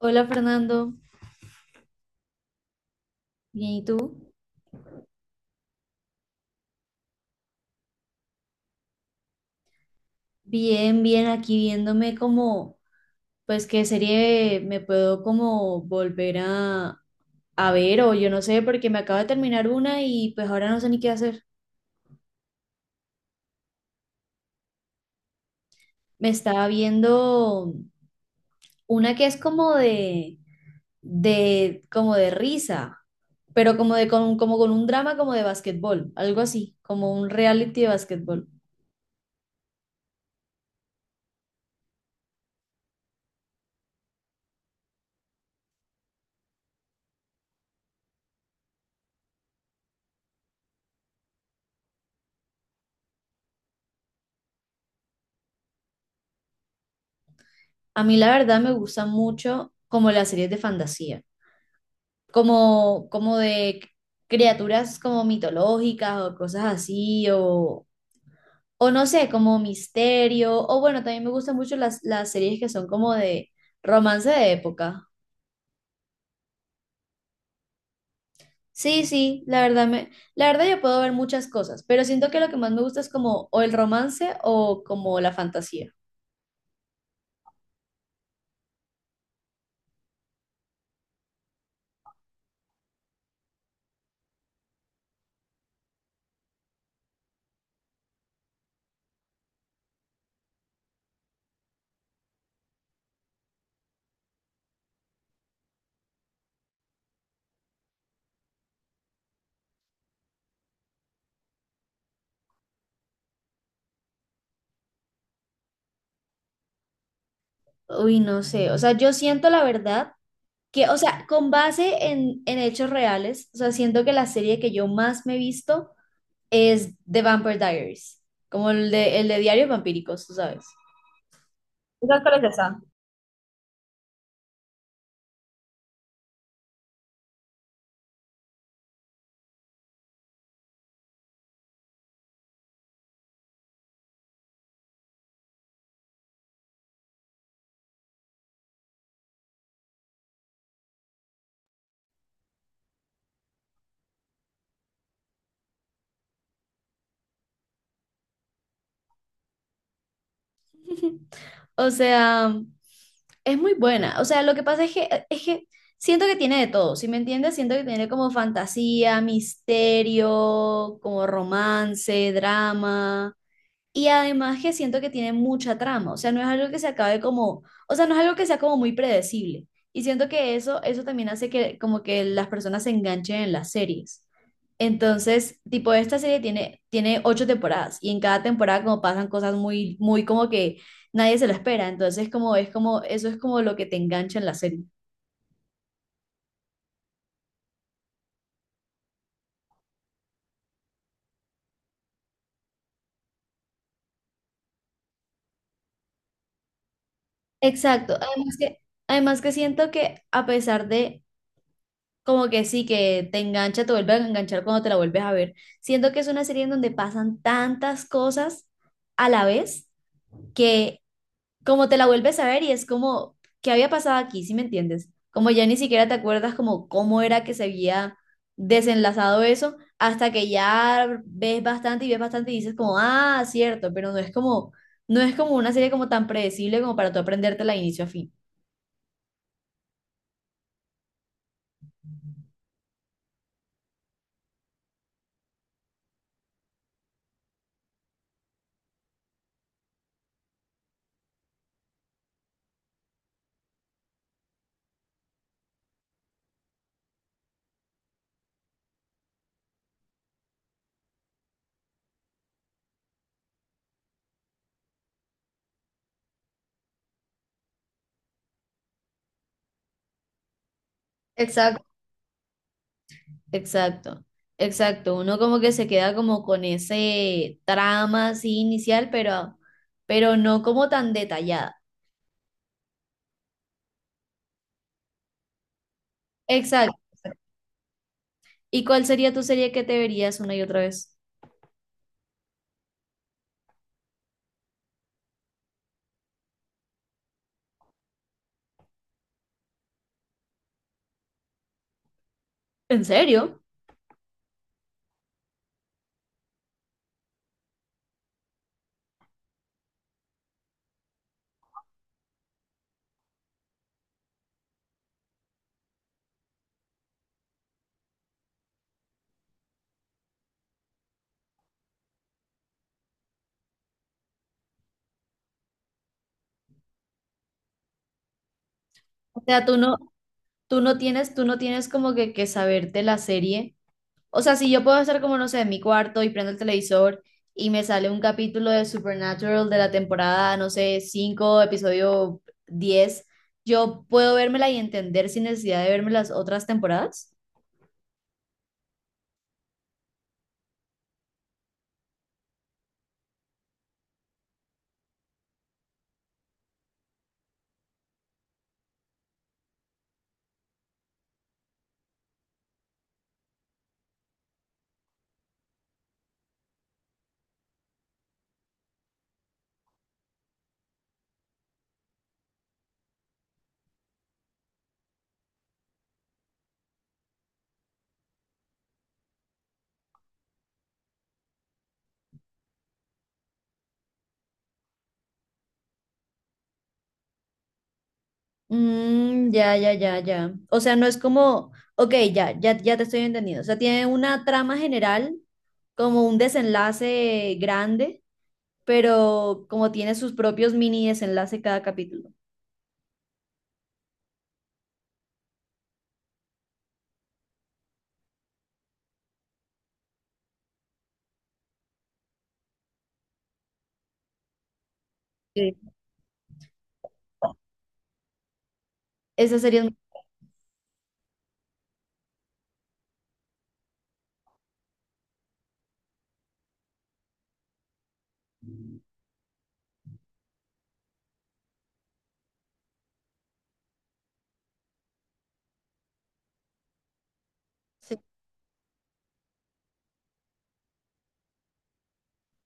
Hola Fernando, bien, ¿y tú? Bien, bien, aquí viéndome como, pues qué serie me puedo como volver a ver o yo no sé, porque me acabo de terminar una y pues ahora no sé ni qué hacer. Me estaba viendo una que es como como de risa, pero como con un drama como de básquetbol, algo así, como un reality de básquetbol. A mí la verdad me gusta mucho como las series de fantasía, como, como de criaturas como mitológicas o cosas así, o no sé, como misterio, o bueno, también me gustan mucho las series que son como de romance de época. Sí, sí, la verdad yo puedo ver muchas cosas, pero siento que lo que más me gusta es como o el romance o como la fantasía. Uy, no sé, o sea, yo siento la verdad que, o sea, con base en hechos reales, o sea, siento que la serie que yo más me he visto es The Vampire Diaries, como el de Diarios Vampíricos, tú sabes. ¿Sabes cuál es esa? O sea, es muy buena. O sea, lo que pasa es que siento que tiene de todo, ¿sí me entiendes? Siento que tiene como fantasía, misterio, como romance, drama. Y además que siento que tiene mucha trama, o sea, no es algo que se acabe como, o sea, no es algo que sea como muy predecible. Y siento que eso también hace que como que las personas se enganchen en las series. Entonces, tipo, esta serie tiene ocho temporadas y en cada temporada como pasan cosas muy, muy como que nadie se lo espera. Entonces, como es como, eso es como lo que te engancha en la serie. Exacto. Además que siento que a pesar de, como que sí, que te engancha, te vuelve a enganchar cuando te la vuelves a ver. Siento que es una serie en donde pasan tantas cosas a la vez que como te la vuelves a ver y es como, ¿qué había pasado aquí? ¿Sí me entiendes? Como ya ni siquiera te acuerdas como cómo era que se había desenlazado eso hasta que ya ves bastante y dices como, ah, cierto, pero no es como, no es como una serie como tan predecible como para tú aprendértela de inicio a fin. Exacto, exacto. exacto. Uno como que se queda como con ese trama así inicial, pero no como tan detallada. Exacto. ¿Y cuál sería tu serie que te verías una y otra vez? ¿En serio? O sea, tú no tienes como que saberte la serie. O sea, si yo puedo estar como, no sé, en mi cuarto y prendo el televisor y me sale un capítulo de Supernatural de la temporada, no sé, 5 episodio 10, yo puedo vérmela y entender sin necesidad de verme las otras temporadas. Mm, ya, ya, ya, ya. O sea, no es como, ok, ya, ya, ya te estoy entendiendo. O sea, tiene una trama general, como un desenlace grande, pero como tiene sus propios mini desenlaces cada capítulo. Sí. Esa serie es...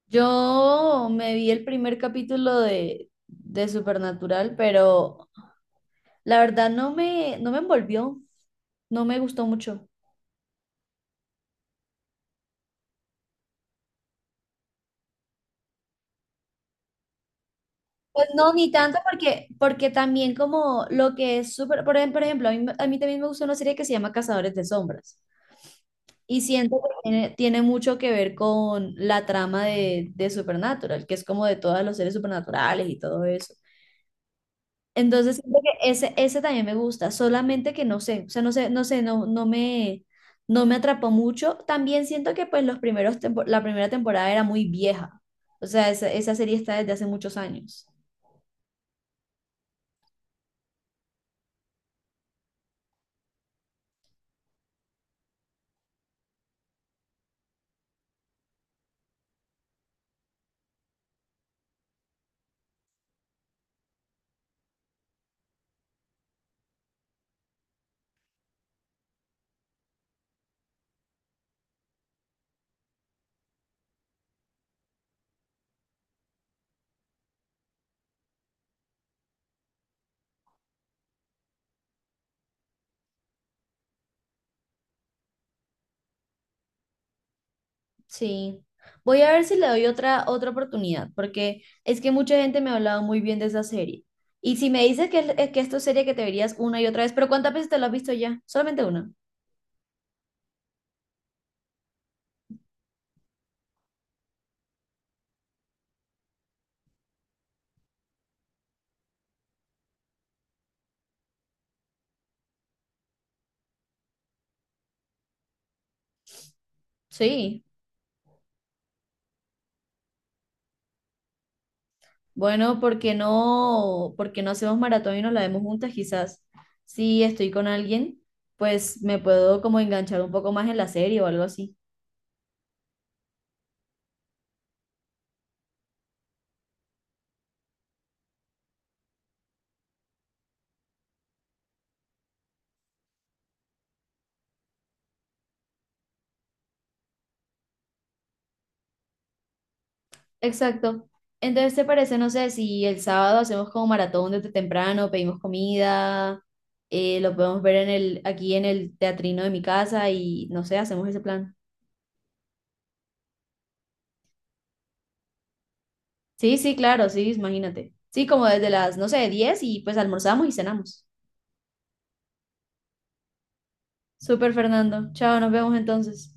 Yo me vi el primer capítulo de Supernatural, pero la verdad no me envolvió, no me gustó mucho. Pues no, ni tanto porque también como lo que es súper por ejemplo, a mí también me gusta una serie que se llama Cazadores de Sombras y siento que tiene, tiene mucho que ver con la trama de Supernatural, que es como de todos los seres supernaturales y todo eso. Entonces, siento que ese también me gusta, solamente que no sé, o sea, no sé, no sé, no, no me atrapó mucho. También siento que pues la primera temporada era muy vieja, o sea, esa serie está desde hace muchos años. Sí. Voy a ver si le doy otra oportunidad, porque es que mucha gente me ha hablado muy bien de esa serie. Y si me dices que, que esto es serie que te verías una y otra vez, pero ¿cuántas veces te la has visto ya? Solamente una. Sí. Bueno, por qué no hacemos maratón y nos la vemos juntas? Quizás si estoy con alguien, pues me puedo como enganchar un poco más en la serie o algo así. Exacto. Entonces, ¿te parece, no sé, si el sábado hacemos como maratón desde temprano, pedimos comida, lo podemos ver aquí en el teatrino de mi casa y no sé, hacemos ese plan? Sí, sí, claro, sí, imagínate. Sí, como desde las, no sé, 10 y pues almorzamos y cenamos. Súper, Fernando. Chao, nos vemos entonces.